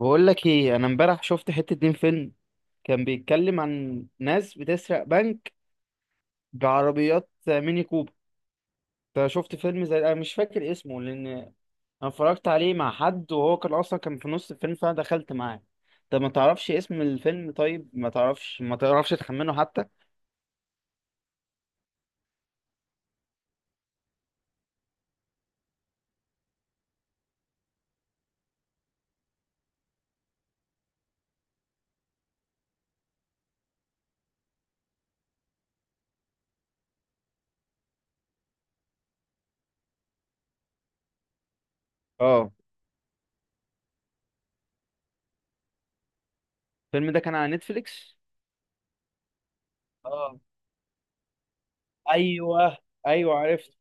بقول لك ايه، انا امبارح شفت حتة دين فيلم كان بيتكلم عن ناس بتسرق بنك بعربيات ميني كوبر. انت شفت فيلم زي، انا مش فاكر اسمه لان انا اتفرجت عليه مع حد، وهو كان اصلا كان في نص الفيلم فانا دخلت معاه. طب ما تعرفش اسم الفيلم؟ طيب، ما تعرفش تخمنه حتى؟ اه، الفيلم ده كان على نتفليكس. اه. ايوه. ايوه، عرفت.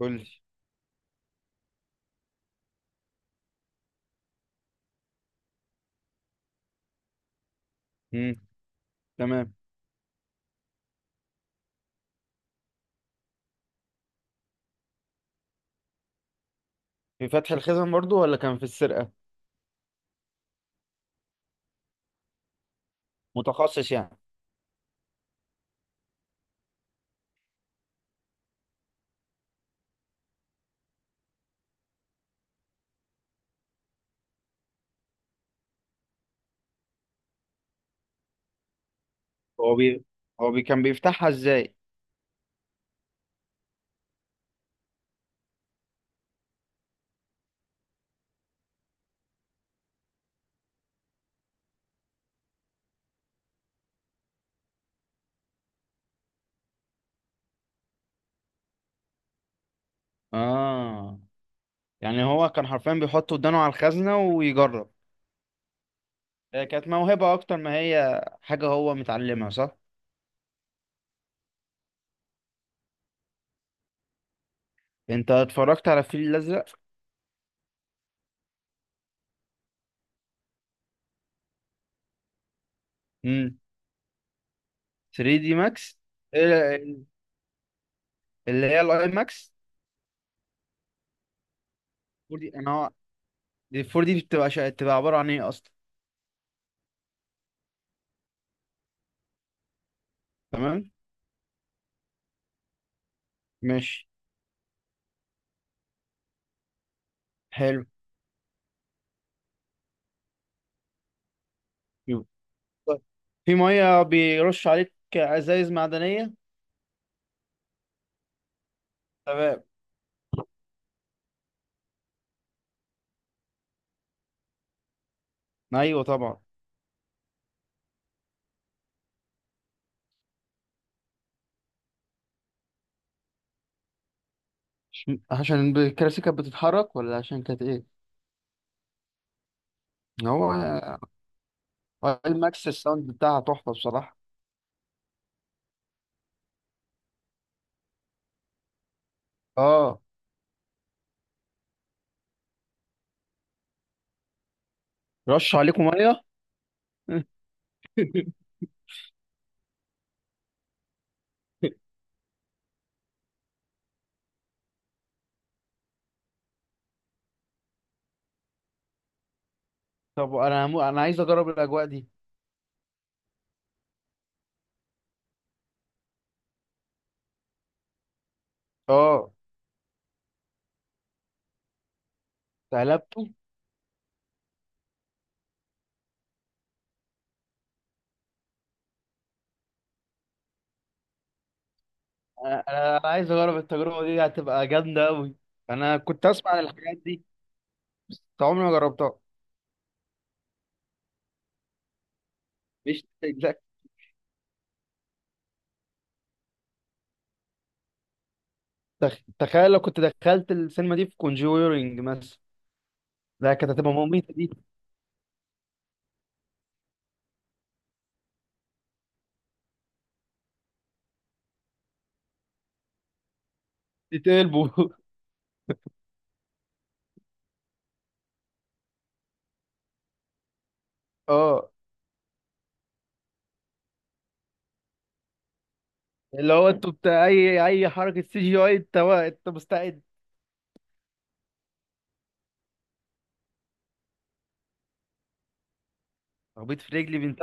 قول لي. امم. تمام. في فتح الخزن برضو ولا كان في السرقة؟ متخصص يعني. هو بي هو بي كان بيفتحها ازاي؟ اه، يعني هو كان حرفيا بيحط ودانه على الخزنة ويجرب. هي كانت موهبة أكتر ما هي حاجة هو متعلمها، صح؟ أنت اتفرجت على الفيل الأزرق؟ امم. 3 دي ماكس. ال- اللي هي الأي ماكس. 4 دي. دي 4 دي بتبقى عبارة عن إيه أصلا؟ تمام؟ ماشي. حلو. يو. طيب. في مية بيرش عليك أزايز معدنية؟ تمام. أيوه طبعا. عشان الكراسي كانت بتتحرك ولا عشان كانت إيه؟ هو آه، الماكس الساوند بتاعها تحفه بصراحه. اه، رش عليكم ميه. طب، انا عايز اجرب الاجواء دي. اه، قلبته. انا أنا عايز اجرب التجربه دي، هتبقى جامده قوي. انا كنت اسمع عن الحاجات دي، بس عمري ما جربتها. مش تخ- تخيل لو كنت دخلت السينما دي في كونجورينج مثلا. لا، كانت هتبقى مميتة دي. تتقلبوا. اه، اللي هو انتوا بتاع اي حركة سي جي اي، انت مستعد؟ خبيط في رجلي، بنت.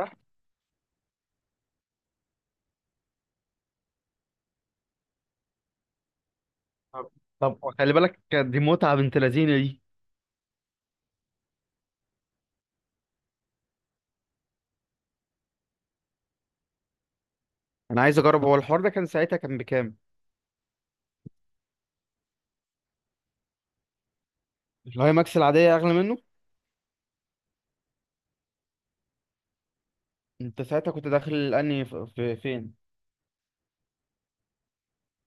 طب طب خلي بالك، دي متعة بنت لذينة دي. انا عايز اجرب، هو الحوار ده كان ساعتها كان بكام؟ الهاي ماكس العادية اغلى منه؟ انت ساعتها كنت داخل الاني في فين؟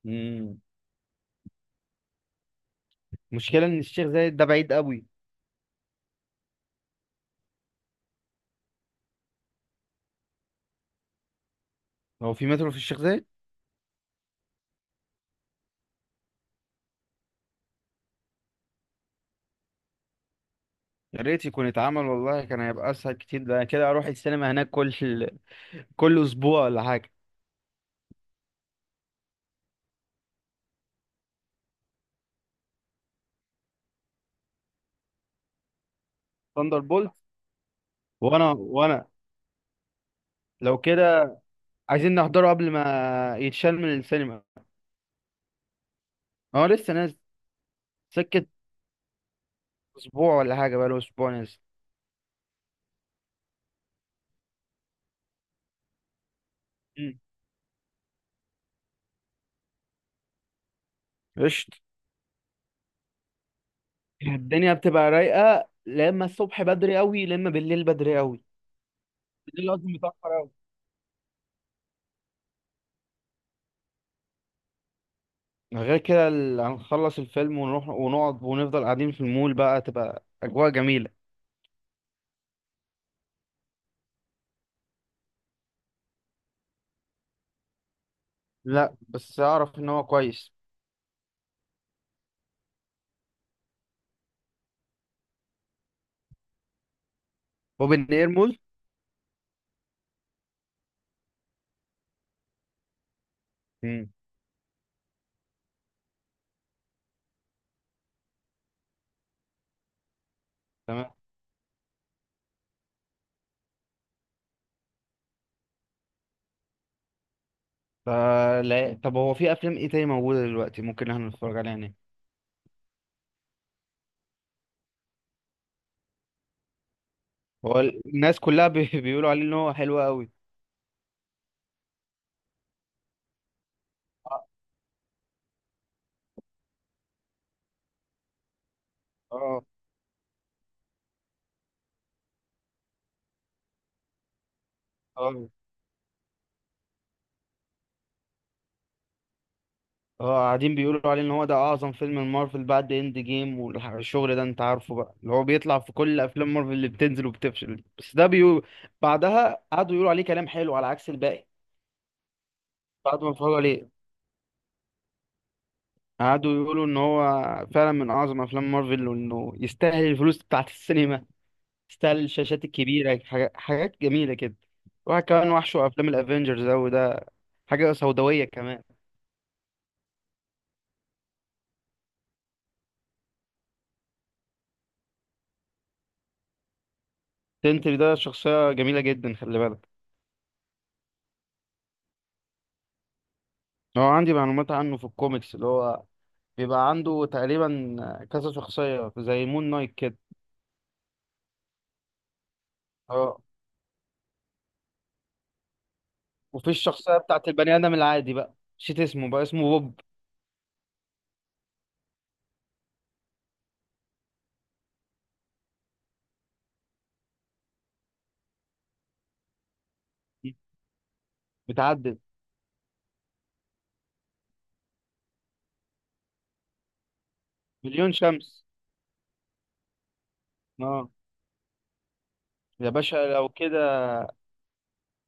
مم. مشكلة ان الشيخ زايد ده بعيد قوي. هو في مترو في الشيخ زايد؟ يا ريت يكون اتعمل، والله كان هيبقى اسهل كتير. ده أنا كده اروح السينما هناك كل اسبوع ولا حاجة. ثاندر بولت. وانا. لو كده عايزين نحضره قبل ما يتشال من السينما. هو لسه نازل. سكة، اسبوع ولا حاجة، بقاله اسبوع نازل. مم. قشطة. يعني الدنيا بتبقى رايقة لما الصبح بدري قوي، لما بالليل بدري قوي. بالليل قصدي، متأخر أوي. غير كده، هنخلص الفيلم ونروح ونقعد ونفضل قاعدين في المول بقى، تبقى أجواء جميلة. لا، بس أعرف إن هو كويس. بوبن إير مول. مم. تمام. ف- لا، طب هو في أفلام إيه تاني موجودة دلوقتي ممكن إحنا نتفرج عليها هنا؟ هو الناس كلها بيقولوا عليه إن هو حلو أوي. اه، اه، اه، قاعدين بيقولوا عليه ان هو ده اعظم فيلم مارفل بعد اند جيم، والشغل ده انت عارفه بقى اللي هو بيطلع في كل افلام مارفل اللي بتنزل وبتفشل، بس ده بيقول بعدها قعدوا يقولوا عليه كلام حلو على عكس الباقي بعد ما اتفرجوا عليه قعدوا يقولوا ان هو فعلا من اعظم افلام مارفل، وانه يستاهل الفلوس بتاعت السينما، يستاهل الشاشات الكبيره، حاجات جميله كده. واحد كمان وحشه افلام الافينجرز اوي ده، حاجه سوداويه كمان. سنتري ده شخصيه جميله جدا، خلي بالك. هو عندي معلومات عنه في الكوميكس، اللي هو بيبقى عنده تقريبا كذا شخصية زي مون نايت كده. اه، وفي الشخصية بتاعت البني آدم العادي بقى، نسيت اسمه، بقى اسمه بوب. متعدد. مليون شمس. اه، يا باشا، لو كده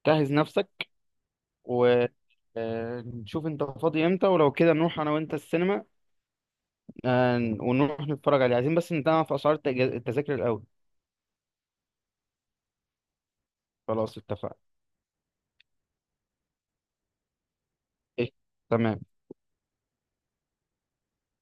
جهز نفسك و نشوف انت فاضي امتى، ولو كده نروح انا وانت السينما، ونروح نتفرج عليه، عايزين بس نتابع في اسعار التذاكر الاول. خلاص، اتفقنا. إيه، تمام.